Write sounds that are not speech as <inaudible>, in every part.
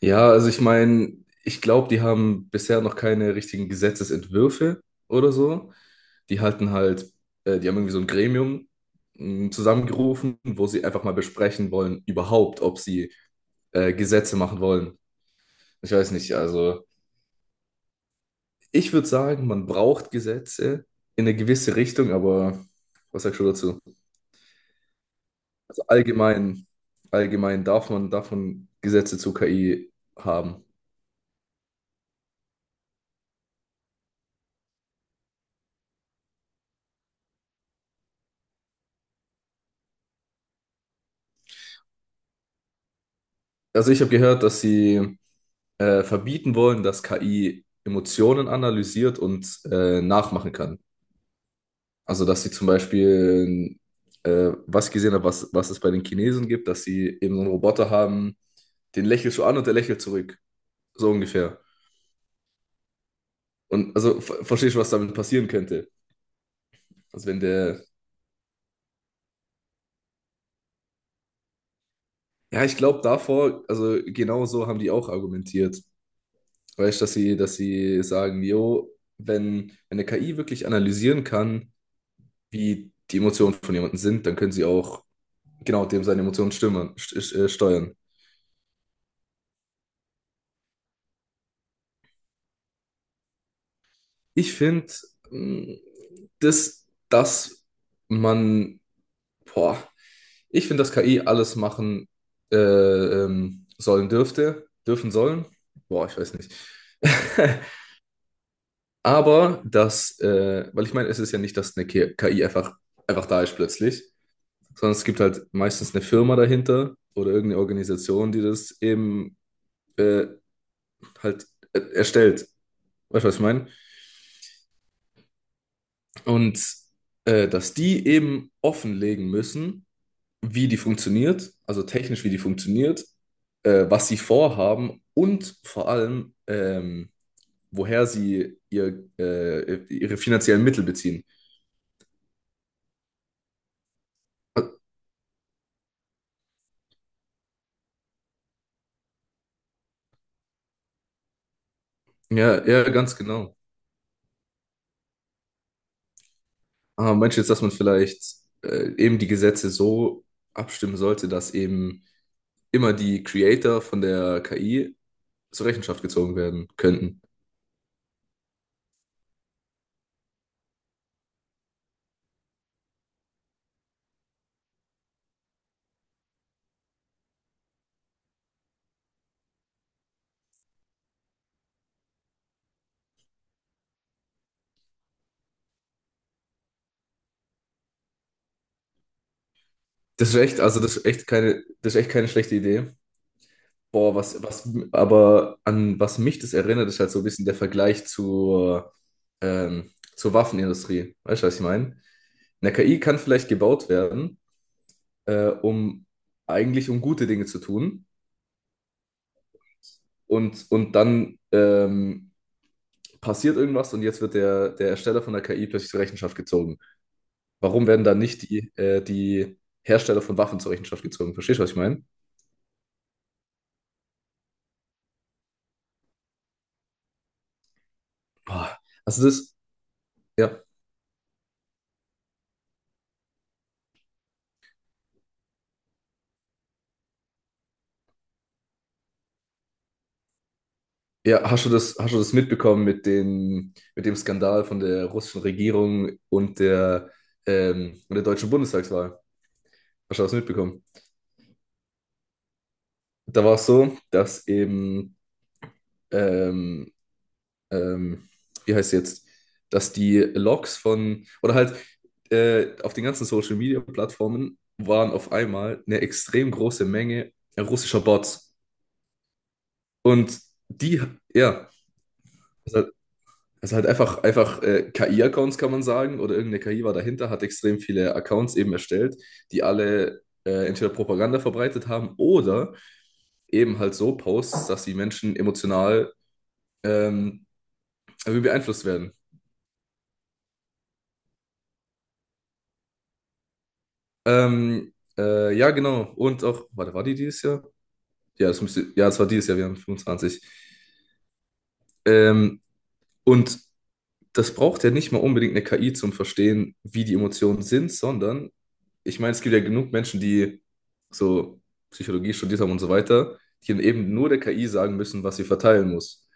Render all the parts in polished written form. Ja, also ich meine, ich glaube, die haben bisher noch keine richtigen Gesetzesentwürfe oder so. Die halten halt, Die haben irgendwie so ein Gremium zusammengerufen, wo sie einfach mal besprechen wollen, überhaupt, ob sie Gesetze machen wollen. Ich weiß nicht, also ich würde sagen, man braucht Gesetze in eine gewisse Richtung, aber was sagst du dazu? Also allgemein, Allgemein darf man Gesetze zu KI haben. Also ich habe gehört, dass sie verbieten wollen, dass KI Emotionen analysiert und nachmachen kann. Also, dass sie zum Beispiel, was ich gesehen habe, was es bei den Chinesen gibt, dass sie eben so einen Roboter haben, den lächelst du an und der lächelt zurück. So ungefähr. Und also verstehst du, was damit passieren könnte? Also wenn der. Ja, ich glaube davor, also genau so haben die auch argumentiert. Weißt du, dass sie sagen, jo, wenn eine KI wirklich analysieren kann, wie die Emotionen von jemandem sind, dann können sie auch genau, dem seine Emotionen stimmen, st steuern. Ich finde, das, dass man, boah, ich finde, dass KI alles machen sollen dürfte, dürfen sollen. Boah, ich weiß nicht. <laughs> Aber dass weil ich meine, es ist ja nicht, dass eine KI einfach, da ist plötzlich, sondern es gibt halt meistens eine Firma dahinter oder irgendeine Organisation, die das eben äh, halt erstellt. Weißt du, was ich meine? Und dass die eben offenlegen müssen, wie die funktioniert, also technisch, wie die funktioniert, was sie vorhaben und vor allem, woher sie ihre finanziellen Mittel beziehen. Ja, ja, ganz genau. Aber meinst du jetzt, dass man vielleicht eben die Gesetze so abstimmen sollte, dass eben immer die Creator von der KI zur Rechenschaft gezogen werden könnten? Das ist echt keine schlechte Idee. Boah, aber an was mich das erinnert, ist halt so ein bisschen der Vergleich ähm, zur Waffenindustrie. Weißt du, was ich meine? Eine KI kann vielleicht gebaut werden, um eigentlich um gute Dinge zu tun. Und und dann passiert irgendwas und jetzt wird der Ersteller von der KI plötzlich zur Rechenschaft gezogen. Warum werden dann nicht die Hersteller von Waffen zur Rechenschaft gezogen? Verstehst du, was ich meine? Boah, also das, ja. Ja, hast du das mitbekommen mit mit dem Skandal von der russischen Regierung und der deutschen Bundestagswahl? Hast du das mitbekommen? Da war es so, dass eben, ähm, ähm, wie heißt es jetzt, dass die Logs von, oder halt auf den ganzen Social Media Plattformen waren auf einmal eine extrem große Menge russischer Bots. Und die, ja, also halt einfach KI-Accounts kann man sagen, oder irgendeine KI war dahinter, hat extrem viele Accounts eben erstellt, die alle entweder Propaganda verbreitet haben oder eben halt so Posts, dass die Menschen emotional ähm, irgendwie beeinflusst werden. Ja, genau. Und auch, warte, war die dieses Jahr? Ja, das müsste, ja, das war dieses Jahr, wir haben 25. Ähm, und das braucht ja nicht mal unbedingt eine KI zum Verstehen, wie die Emotionen sind, sondern ich meine, es gibt ja genug Menschen, die so Psychologie studiert haben und so weiter, die dann eben nur der KI sagen müssen, was sie verteilen muss.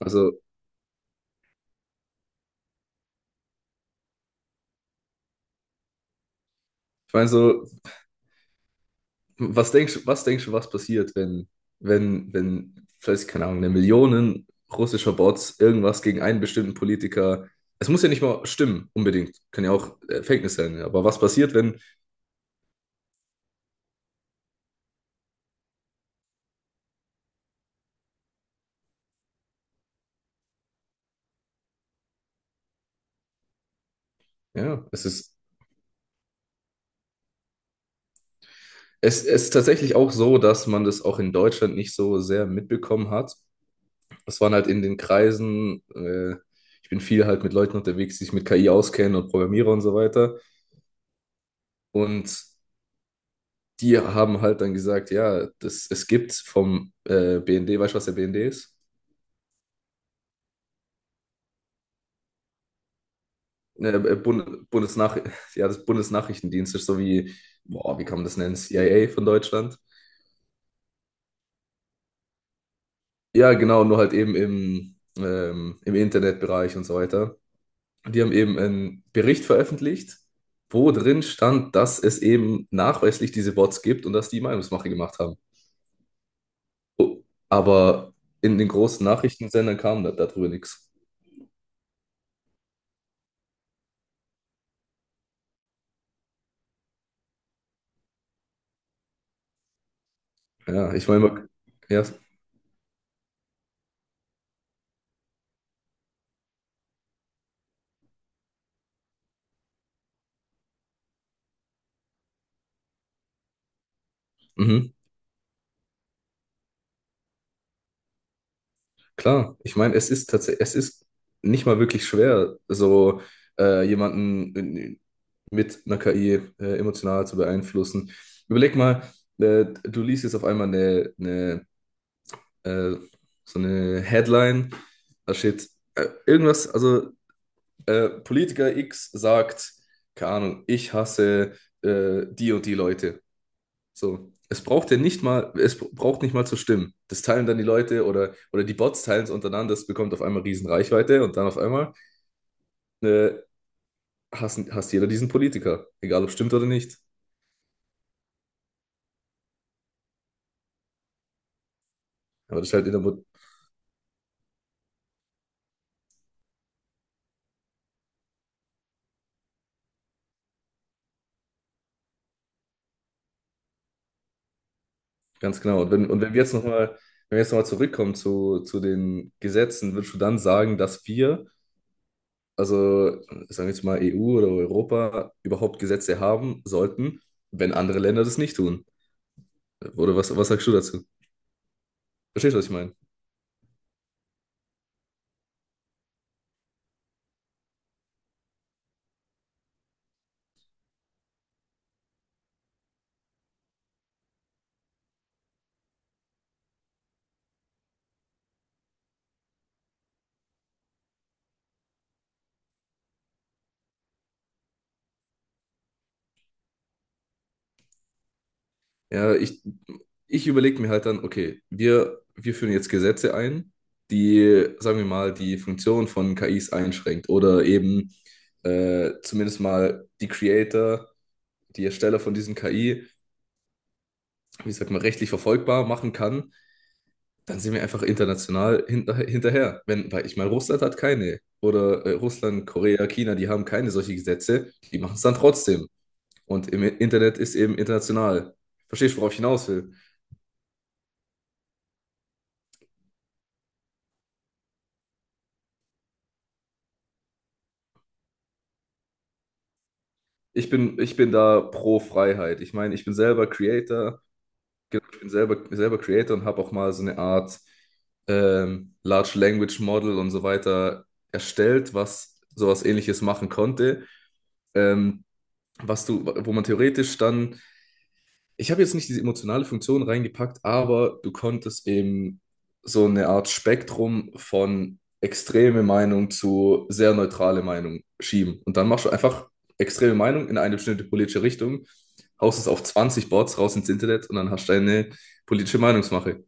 Also, ich meine, so, was denkst du, was passiert, wenn, vielleicht, keine Ahnung, eine Million russischer Bots irgendwas gegen einen bestimmten Politiker. Es muss ja nicht mal stimmen, unbedingt. Kann ja auch Fake News sein. Ja. Aber was passiert, wenn, Ja, es ist tatsächlich auch so, dass man das auch in Deutschland nicht so sehr mitbekommen hat. Das waren halt in den Kreisen, ich bin viel halt mit Leuten unterwegs, die sich mit KI auskennen und Programmierer und so weiter. Und die haben halt dann gesagt, ja, es gibt vom BND, weißt du, was der BND ist? Ne, Bund, Bundesnach <laughs> ja, das Bundesnachrichtendienst ist so wie, boah, wie kann man das nennen? CIA von Deutschland. Ja, genau, nur halt eben im Internetbereich und so weiter. Und die haben eben einen Bericht veröffentlicht, wo drin stand, dass es eben nachweislich diese Bots gibt und dass die Meinungsmache gemacht haben. Oh, aber in den großen Nachrichtensendern kam darüber nichts. Ja, ich meine, ja. Mhm. Klar. Ich meine, es ist tatsächlich, es ist nicht mal wirklich schwer, so jemanden mit einer KI emotional zu beeinflussen. Überleg mal, du liest jetzt auf einmal eine äh, so eine Headline, da steht irgendwas, also Politiker X sagt, keine Ahnung, ich hasse die und die Leute. So. Es braucht ja nicht mal, es braucht nicht mal zu stimmen. Das teilen dann die Leute oder die Bots teilen es untereinander, das bekommt auf einmal riesen Reichweite und dann auf einmal äh, hasst jeder diesen Politiker, egal ob stimmt oder nicht. Ja, aber das ist halt in der Mo-. Ganz genau. Und wenn wir jetzt nochmal zurückkommen zu den Gesetzen, würdest du dann sagen, dass wir also sagen wir jetzt mal EU oder Europa, überhaupt Gesetze haben sollten, wenn andere Länder das nicht tun. Oder was sagst du dazu? Verstehst du, was ich meine? Ja, ich überlege mir halt dann, okay, wir führen jetzt Gesetze ein, die, sagen wir mal, die Funktion von KIs einschränkt oder eben zumindest mal die Creator, die Ersteller von diesen KI, wie sagt man, rechtlich verfolgbar machen kann, dann sind wir einfach international hinterher. Wenn, weil ich meine, Russland hat keine. Oder Russland, Korea, China, die haben keine solche Gesetze. Die machen es dann trotzdem. Und im Internet ist eben international. Verstehst du, worauf ich hinaus will? Ich bin da pro Freiheit. Ich meine, ich bin selber Creator. Genau, ich bin selber, selber Creator und habe auch mal so eine Art Large Language Model und so weiter erstellt, was sowas Ähnliches machen konnte. Ähm, was du, wo man theoretisch dann, ich habe jetzt nicht diese emotionale Funktion reingepackt, aber du konntest eben so eine Art Spektrum von extreme Meinung zu sehr neutrale Meinung schieben. Und dann machst du einfach extreme Meinung in eine bestimmte politische Richtung, haust es auf 20 Boards raus ins Internet und dann hast du eine politische Meinungsmache.